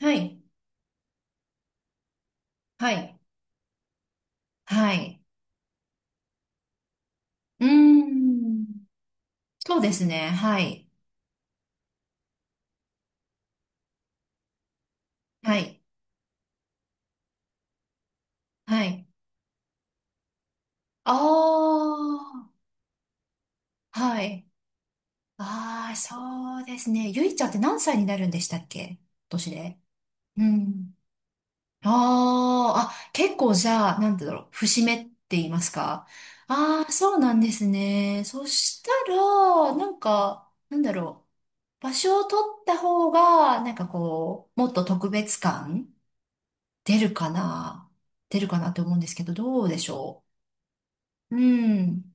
はい。はい。はい。うーん。そうですね。はい。はい。はい。ああ。はい。ああ、そうですね。ゆいちゃんって何歳になるんでしたっけ？年で。うん。ああ。あ、結構じゃあ、なんだろう。節目って言いますか。ああ、そうなんですね。そしたら、なんか、なんだろう。場所を取った方が、なんかこう、もっと特別感出るかな出るかなって思うんですけど、どうでしょう？うん。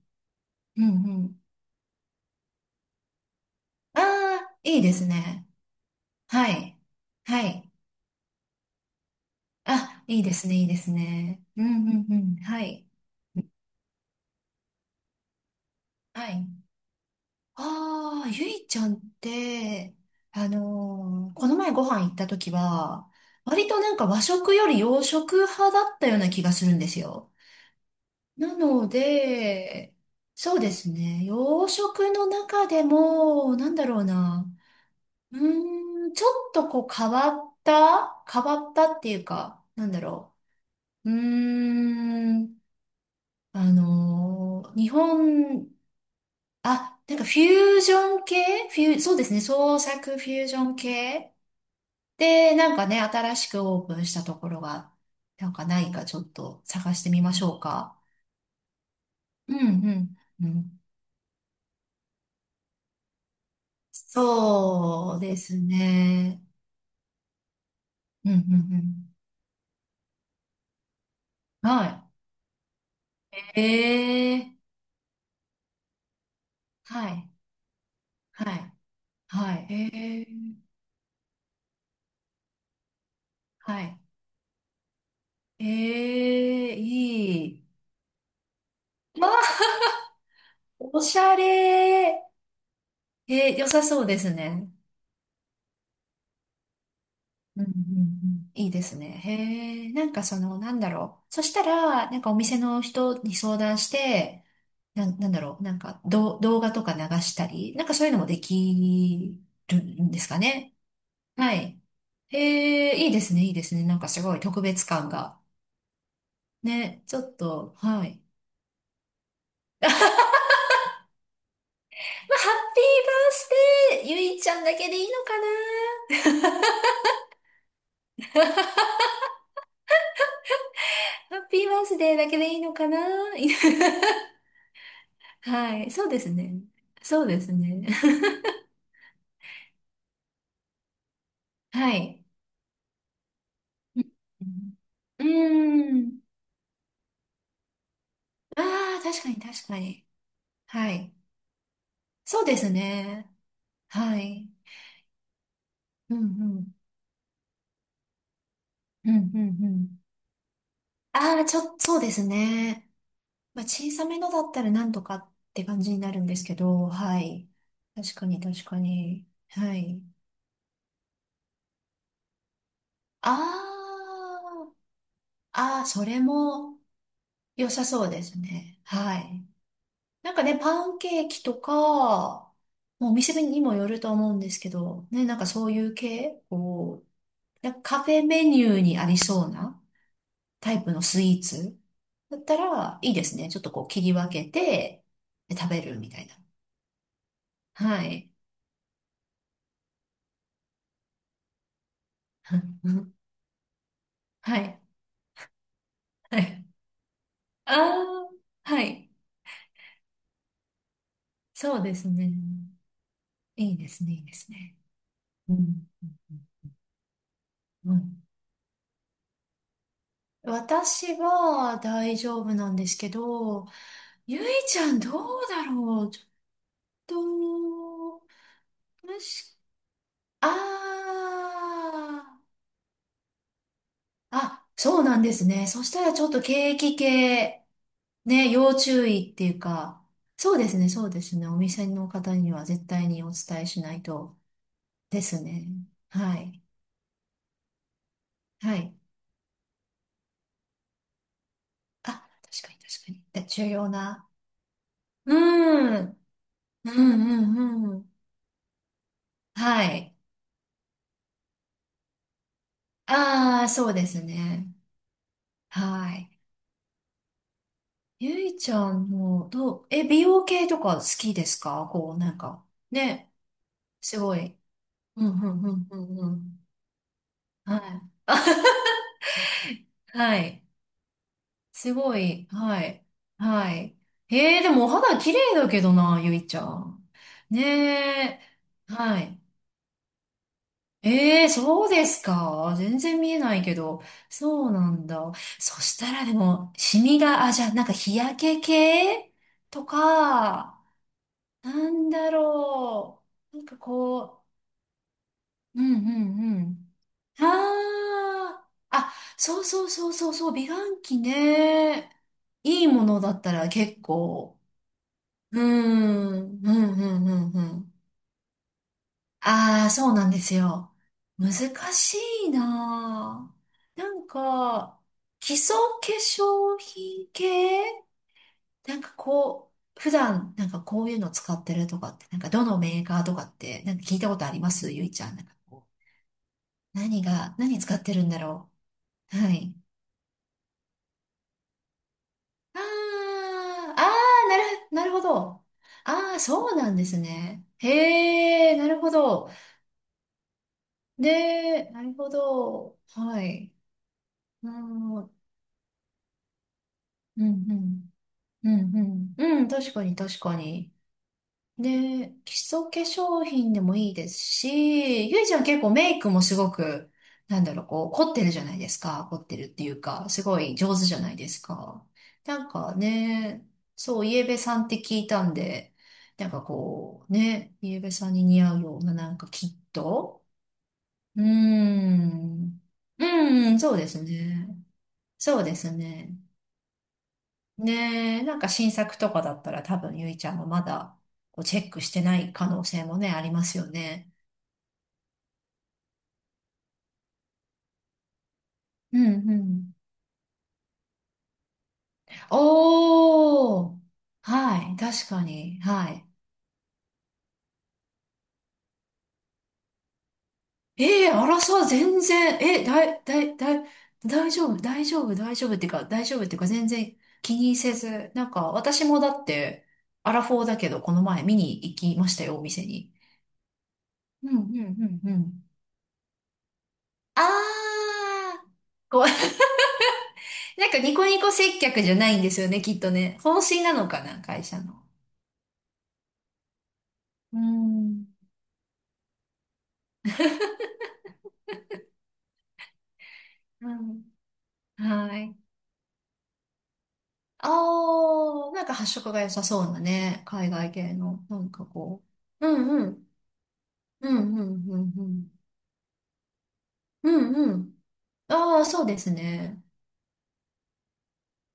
うん、うん。ああ、いいですね。はい。はい。あ、いいですね、いいですね。うん、うん、うん。はい。はい。ああ、ゆいちゃんって、この前ご飯行った時は、割となんか和食より洋食派だったような気がするんですよ。なので、そうですね。洋食の中でも、なんだろうな。うーん、ちょっとこう変わった変わったっていうか、なんだろう。うーん、あのー日本、あ、なんかフュージョン系フュー、そうですね、創作フュージョン系で、なんかね、新しくオープンしたところが、なんかないかちょっと探してみましょうか。うんうんうん。そうですね。うんうんうん。はい。ええ、はい。はい。はい。えー、はい。えー、いい。わあ、おしゃれ。えー、良さそうですね。うんうんうん。いいですね。へえ、なんかその、なんだろう。そしたら、なんかお店の人に相談して、なんだろう。なんか、動画とか流したり、なんかそういうのもできるんですかね。はい。へえ、いいですね、いいですね。なんかすごい特別感が。ね、ちょっと、はい。まあ、ハッピーバースデーゆいちゃんだけでいいのかな、ハッピーバースデーだけでいいのかな。 はい、そうですね。そうですね。はい。うん。うーん。ああ、確かに確かに。はい。そうですね。はい。うんうん。うんうんうん。ああ、そうですね。まあ、小さめのだったらなんとかって感じになるんですけど、はい。確かに確かに。はい。ああ、ああ、それも良さそうですね。はい。なんかね、パンケーキとか、もうお店にもよると思うんですけど、ね、なんかそういう系、こう、なんかカフェメニューにありそうなタイプのスイーツだったらいいですね。ちょっとこう切り分けて食べるみたいな。はい。はい。はい。ああ、はい。そうですね。いいですね、いいですね。うん。うん、私は大丈夫なんですけど、ゆいちゃんどうだろう、ちょっと、もし、あー、あ、そうなんですね。そしたらちょっと景気系、ね、要注意っていうか、そうですね、そうですね。お店の方には絶対にお伝えしないとですね。はい。はい。あ、確かに確かに。で、重要な。うん。うんうんうん。はい。ああ、そうですね。はい。ゆいちゃんも、え、美容系とか好きですか？こう、なんか。ね、すごい。うん、うん、うん、うん、うん。はい。はい。すごい。はい。はい。えー、でもお肌綺麗だけどな、ゆいちゃん。ねえ。はい。ええー、そうですか。全然見えないけど。そうなんだ。そしたらでも、シミが、あ、じゃあ、なんか日焼け系とか、なんだろう。なんかこう、うんうんうん。ああ、あ、そうそうそうそうそう、美顔器ね。いいものだったら結構。うーん、うんうんうんうん。ああ、そうなんですよ。難しいなあ。なんか、基礎化粧品系、なんかこう、普段なんかこういうの使ってるとかって、なんかどのメーカーとかって、なんか聞いたことありますゆいちゃん？何使ってるんだろう。はい。ああ、ああ、なるほど。ああ、そうなんですね。へえ、なるほど。で、なるほど。はい。うん、うん、うん、うん、うん、うん、確かに、確かに。ね、基礎化粧品でもいいですし、ゆいちゃん結構メイクもすごく、なんだろう、こう、凝ってるじゃないですか。凝ってるっていうか、すごい上手じゃないですか。なんかね、そう、イエベさんって聞いたんで、なんかこう、ね、イエベさんに似合うようななんかキット。うーん。うーん、そうですね。そうですね。ねえ、なんか新作とかだったら多分ゆいちゃんもまだこうチェックしてない可能性もね、ありますよね。うんうん。おー、はい、確かに、はい。ええー、あらさ、全然、え、だい、だい、だい、大丈夫、大丈夫、大丈夫っていうか、全然気にせず、なんか私もだって、アラフォーだけど、この前見に行きましたよ、お店に。うんうんうんうん。あー、こう。 なんかニコニコ接客じゃないんですよね、きっとね。方針なのかな、会社の。うん。うん。はい。ああ、なんか発色が良さそうなね、海外系の、なんかこう。うんうん。うんうんうんうん。うんうん。ああ、そうですね。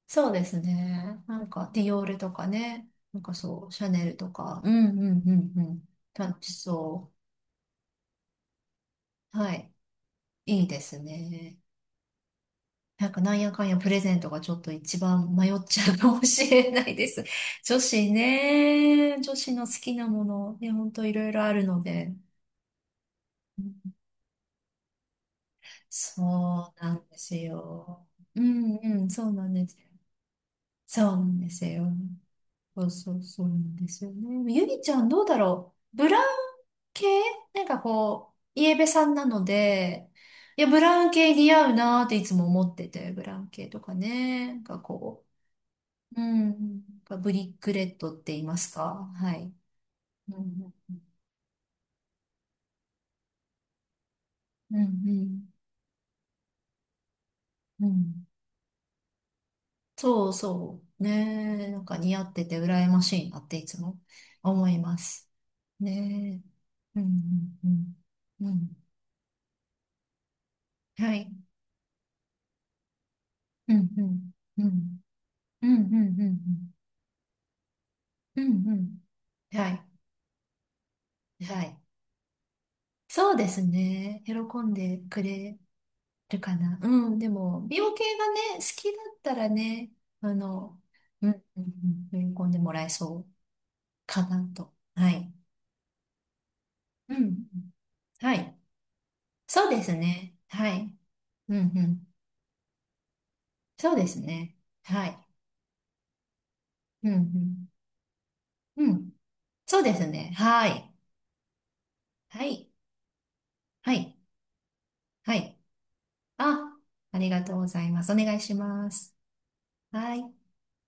そうですね。なんか、ディオールとかね。なんかそう、シャネルとか。うんうんうんうん。楽しそう。はい。いいですね。なんかなんやかんやプレゼントがちょっと一番迷っちゃうかもしれないです。女子ね、女子の好きなもの、ね、ほんといろいろあるので。そうなんですよ。うんうん、そうなんです。そうなんですよ。そうそうそうなんですよね。ゆりちゃんどうだろう、ブラウン系、なんかこう、イエベさんなので、いや、ブラウン系似合うなーっていつも思ってて、ブラウン系とかね。なんかこう、うん。ブリックレッドって言いますか、はい。うん。うん。うん。うん、そうそう。ねえ。なんか似合ってて羨ましいなっていつも思います。ねえ。うん。うん。うん。うん、はい。うん。うん。うん。うん。うん。うん。うん。うん、はい。はい。そうですね。喜んでくれるかな。うん、でも、美容系がね、好きだったらね、あの、うん、うん、うん、喜んでもらえそうかなと。はい。うん、はい。そうですね。はい。うん、うん。そうですね。はい。うん、うん。うん。そうですね。はい。はい。はい。はい。あ、ありがとうございます。お願いします。はい。